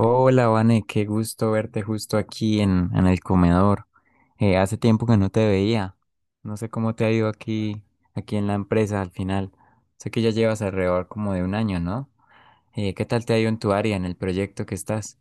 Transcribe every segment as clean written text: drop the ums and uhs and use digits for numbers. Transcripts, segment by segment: Hola, Vane, qué gusto verte justo aquí en el comedor. Hace tiempo que no te veía. No sé cómo te ha ido aquí, aquí en la empresa al final. Sé que ya llevas alrededor como de un año, ¿no? ¿Qué tal te ha ido en tu área, en el proyecto que estás?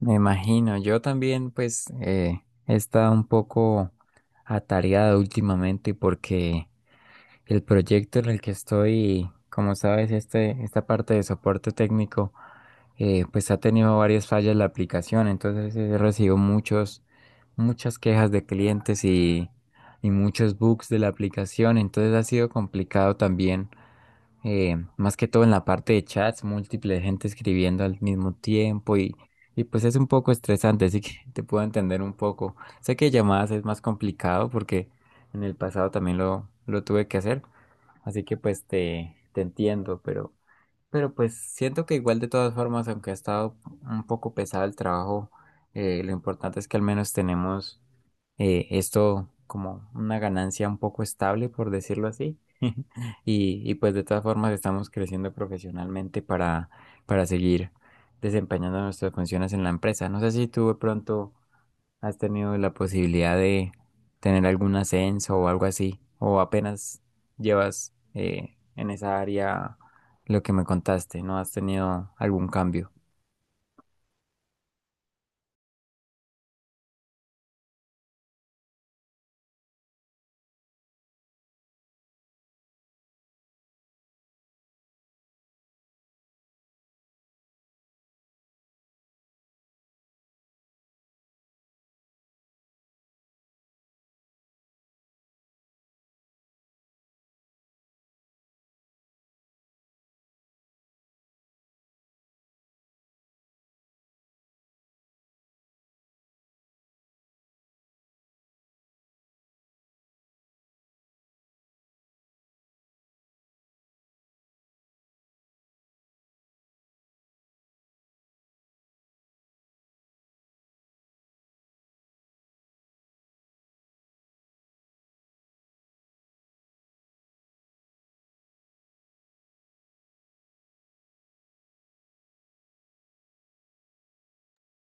Me imagino, yo también pues he estado un poco atareado últimamente porque el proyecto en el que estoy, como sabes, esta parte de soporte técnico, pues ha tenido varias fallas la aplicación, entonces he recibido muchas quejas de clientes y muchos bugs de la aplicación, entonces ha sido complicado también, más que todo en la parte de chats, múltiple gente escribiendo al mismo tiempo y pues es un poco estresante, así que te puedo entender un poco. Sé que llamadas es más complicado porque en el pasado también lo tuve que hacer. Así que pues te entiendo, pero pues siento que igual de todas formas, aunque ha estado un poco pesado el trabajo, lo importante es que al menos tenemos esto como una ganancia un poco estable, por decirlo así. Y pues de todas formas estamos creciendo profesionalmente para seguir desempeñando nuestras funciones en la empresa. No sé si tú de pronto, ¿has tenido la posibilidad de tener algún ascenso o algo así? ¿O apenas llevas en esa área lo que me contaste? ¿No has tenido algún cambio?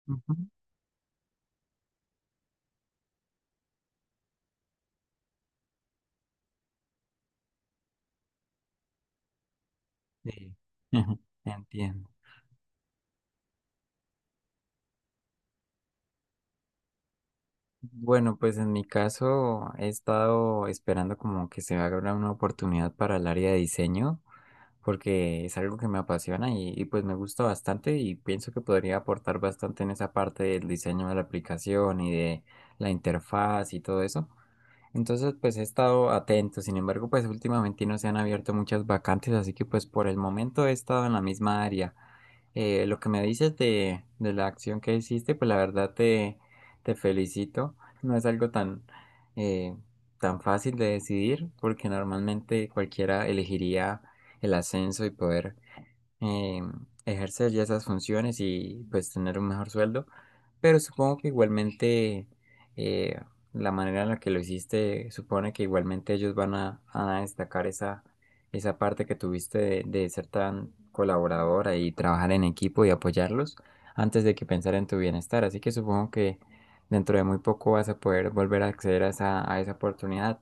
Ujú. Sí. Entiendo. Bueno, pues en mi caso he estado esperando como que se abra una oportunidad para el área de diseño, porque es algo que me apasiona y pues me gusta bastante y pienso que podría aportar bastante en esa parte del diseño de la aplicación y de la interfaz y todo eso. Entonces pues he estado atento, sin embargo pues últimamente no se han abierto muchas vacantes, así que pues por el momento he estado en la misma área. Lo que me dices de la acción que hiciste, pues la verdad te felicito. No es algo tan, eh, tan fácil de decidir, porque normalmente cualquiera elegiría el ascenso y poder eh, ejercer ya esas funciones y pues tener un mejor sueldo, pero supongo que igualmente eh, la manera en la que lo hiciste supone que igualmente ellos van a destacar esa, esa parte que tuviste de ser tan colaboradora y trabajar en equipo y apoyarlos antes de que pensar en tu bienestar, así que supongo que dentro de muy poco vas a poder volver a acceder a esa oportunidad.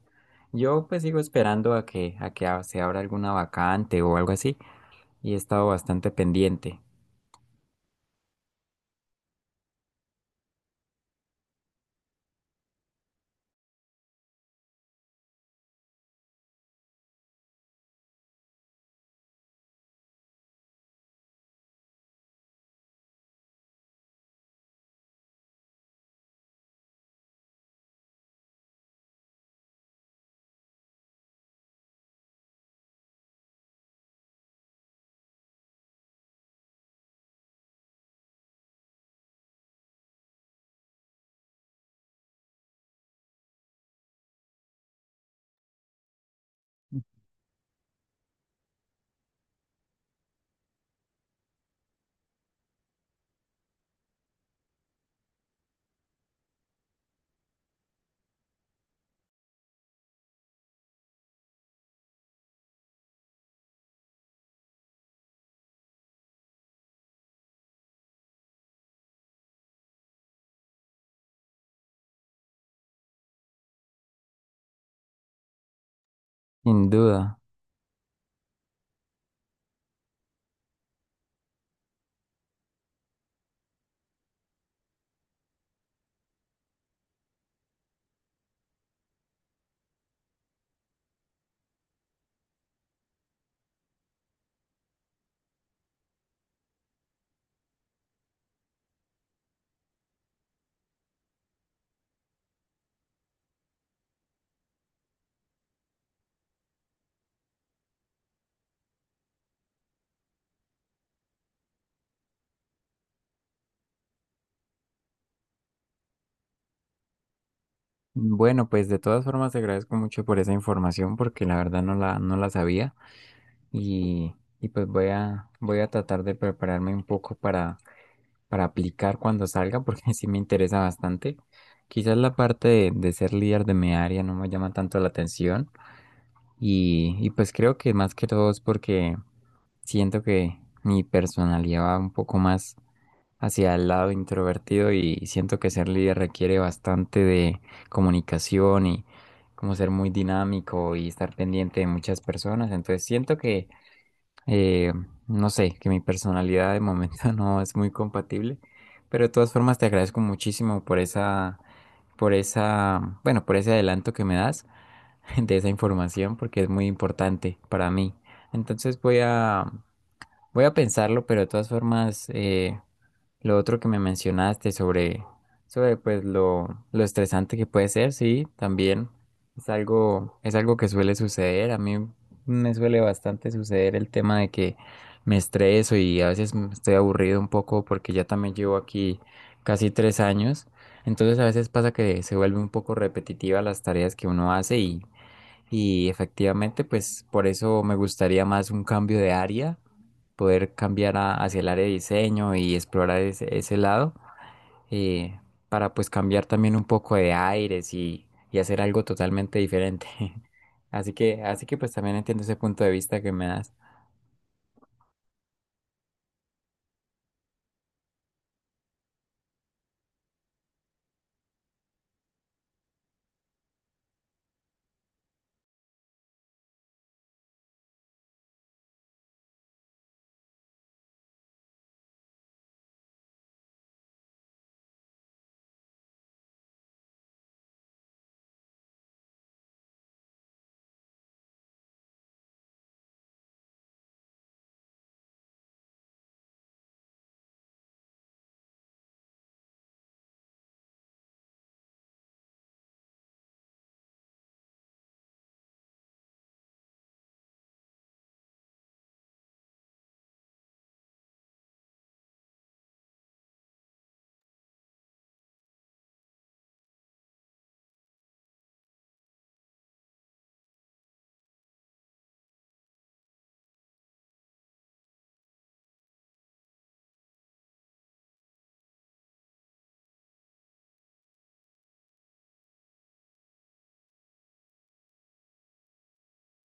Yo pues sigo esperando a a que se abra alguna vacante o algo así y he estado bastante pendiente, sin duda. Bueno, pues de todas formas te agradezco mucho por esa información porque la verdad no no la sabía y, y pues voy voy a tratar de prepararme un poco para aplicar cuando salga porque sí me interesa bastante. Quizás la parte de ser líder de mi área no me llama tanto la atención. Y pues creo que más que todo es porque siento que mi personalidad va un poco más hacia el lado introvertido y siento que ser líder requiere bastante de comunicación y como ser muy dinámico y estar pendiente de muchas personas. Entonces siento que, eh, no sé, que mi personalidad de momento no es muy compatible, pero de todas formas te agradezco muchísimo por esa, bueno, por ese adelanto que me das. De esa información porque es muy importante para mí. Entonces voy voy a pensarlo, pero de todas formas, lo otro que me mencionaste sobre, sobre pues lo estresante que puede ser, sí, también es algo que suele suceder. A mí me suele bastante suceder el tema de que me estreso y a veces estoy aburrido un poco porque ya también llevo aquí casi tres años. Entonces a veces pasa que se vuelve un poco repetitiva las tareas que uno hace y efectivamente, pues por eso me gustaría más un cambio de área, poder cambiar hacia el área de diseño y explorar ese, ese lado, eh, para pues cambiar también un poco de aires y hacer algo totalmente diferente. Así que pues también entiendo ese punto de vista que me das.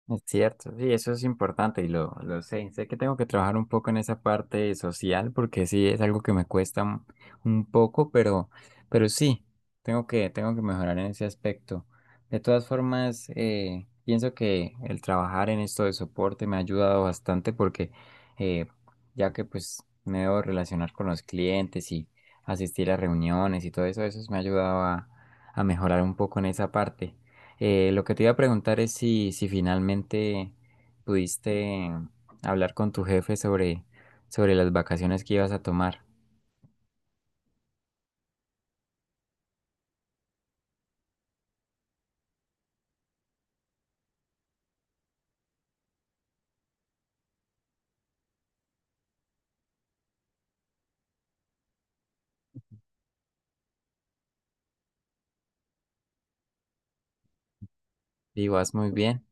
Es cierto, sí, eso es importante y lo sé. Sé que tengo que trabajar un poco en esa parte social porque sí es algo que me cuesta un poco, pero sí, tengo tengo que mejorar en ese aspecto. De todas formas, pienso que el trabajar en esto de soporte me ha ayudado bastante porque eh, ya que pues me debo relacionar con los clientes y asistir a reuniones y todo eso, eso me ha ayudado a mejorar un poco en esa parte. Lo que te iba a preguntar es si finalmente pudiste hablar con tu jefe sobre, sobre las vacaciones que ibas a tomar. Y vas muy bien.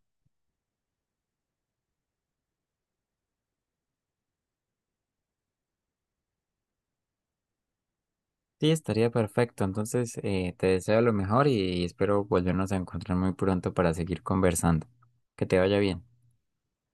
Sí, estaría perfecto. Entonces, te deseo lo mejor y espero volvernos a encontrar muy pronto para seguir conversando. Que te vaya bien.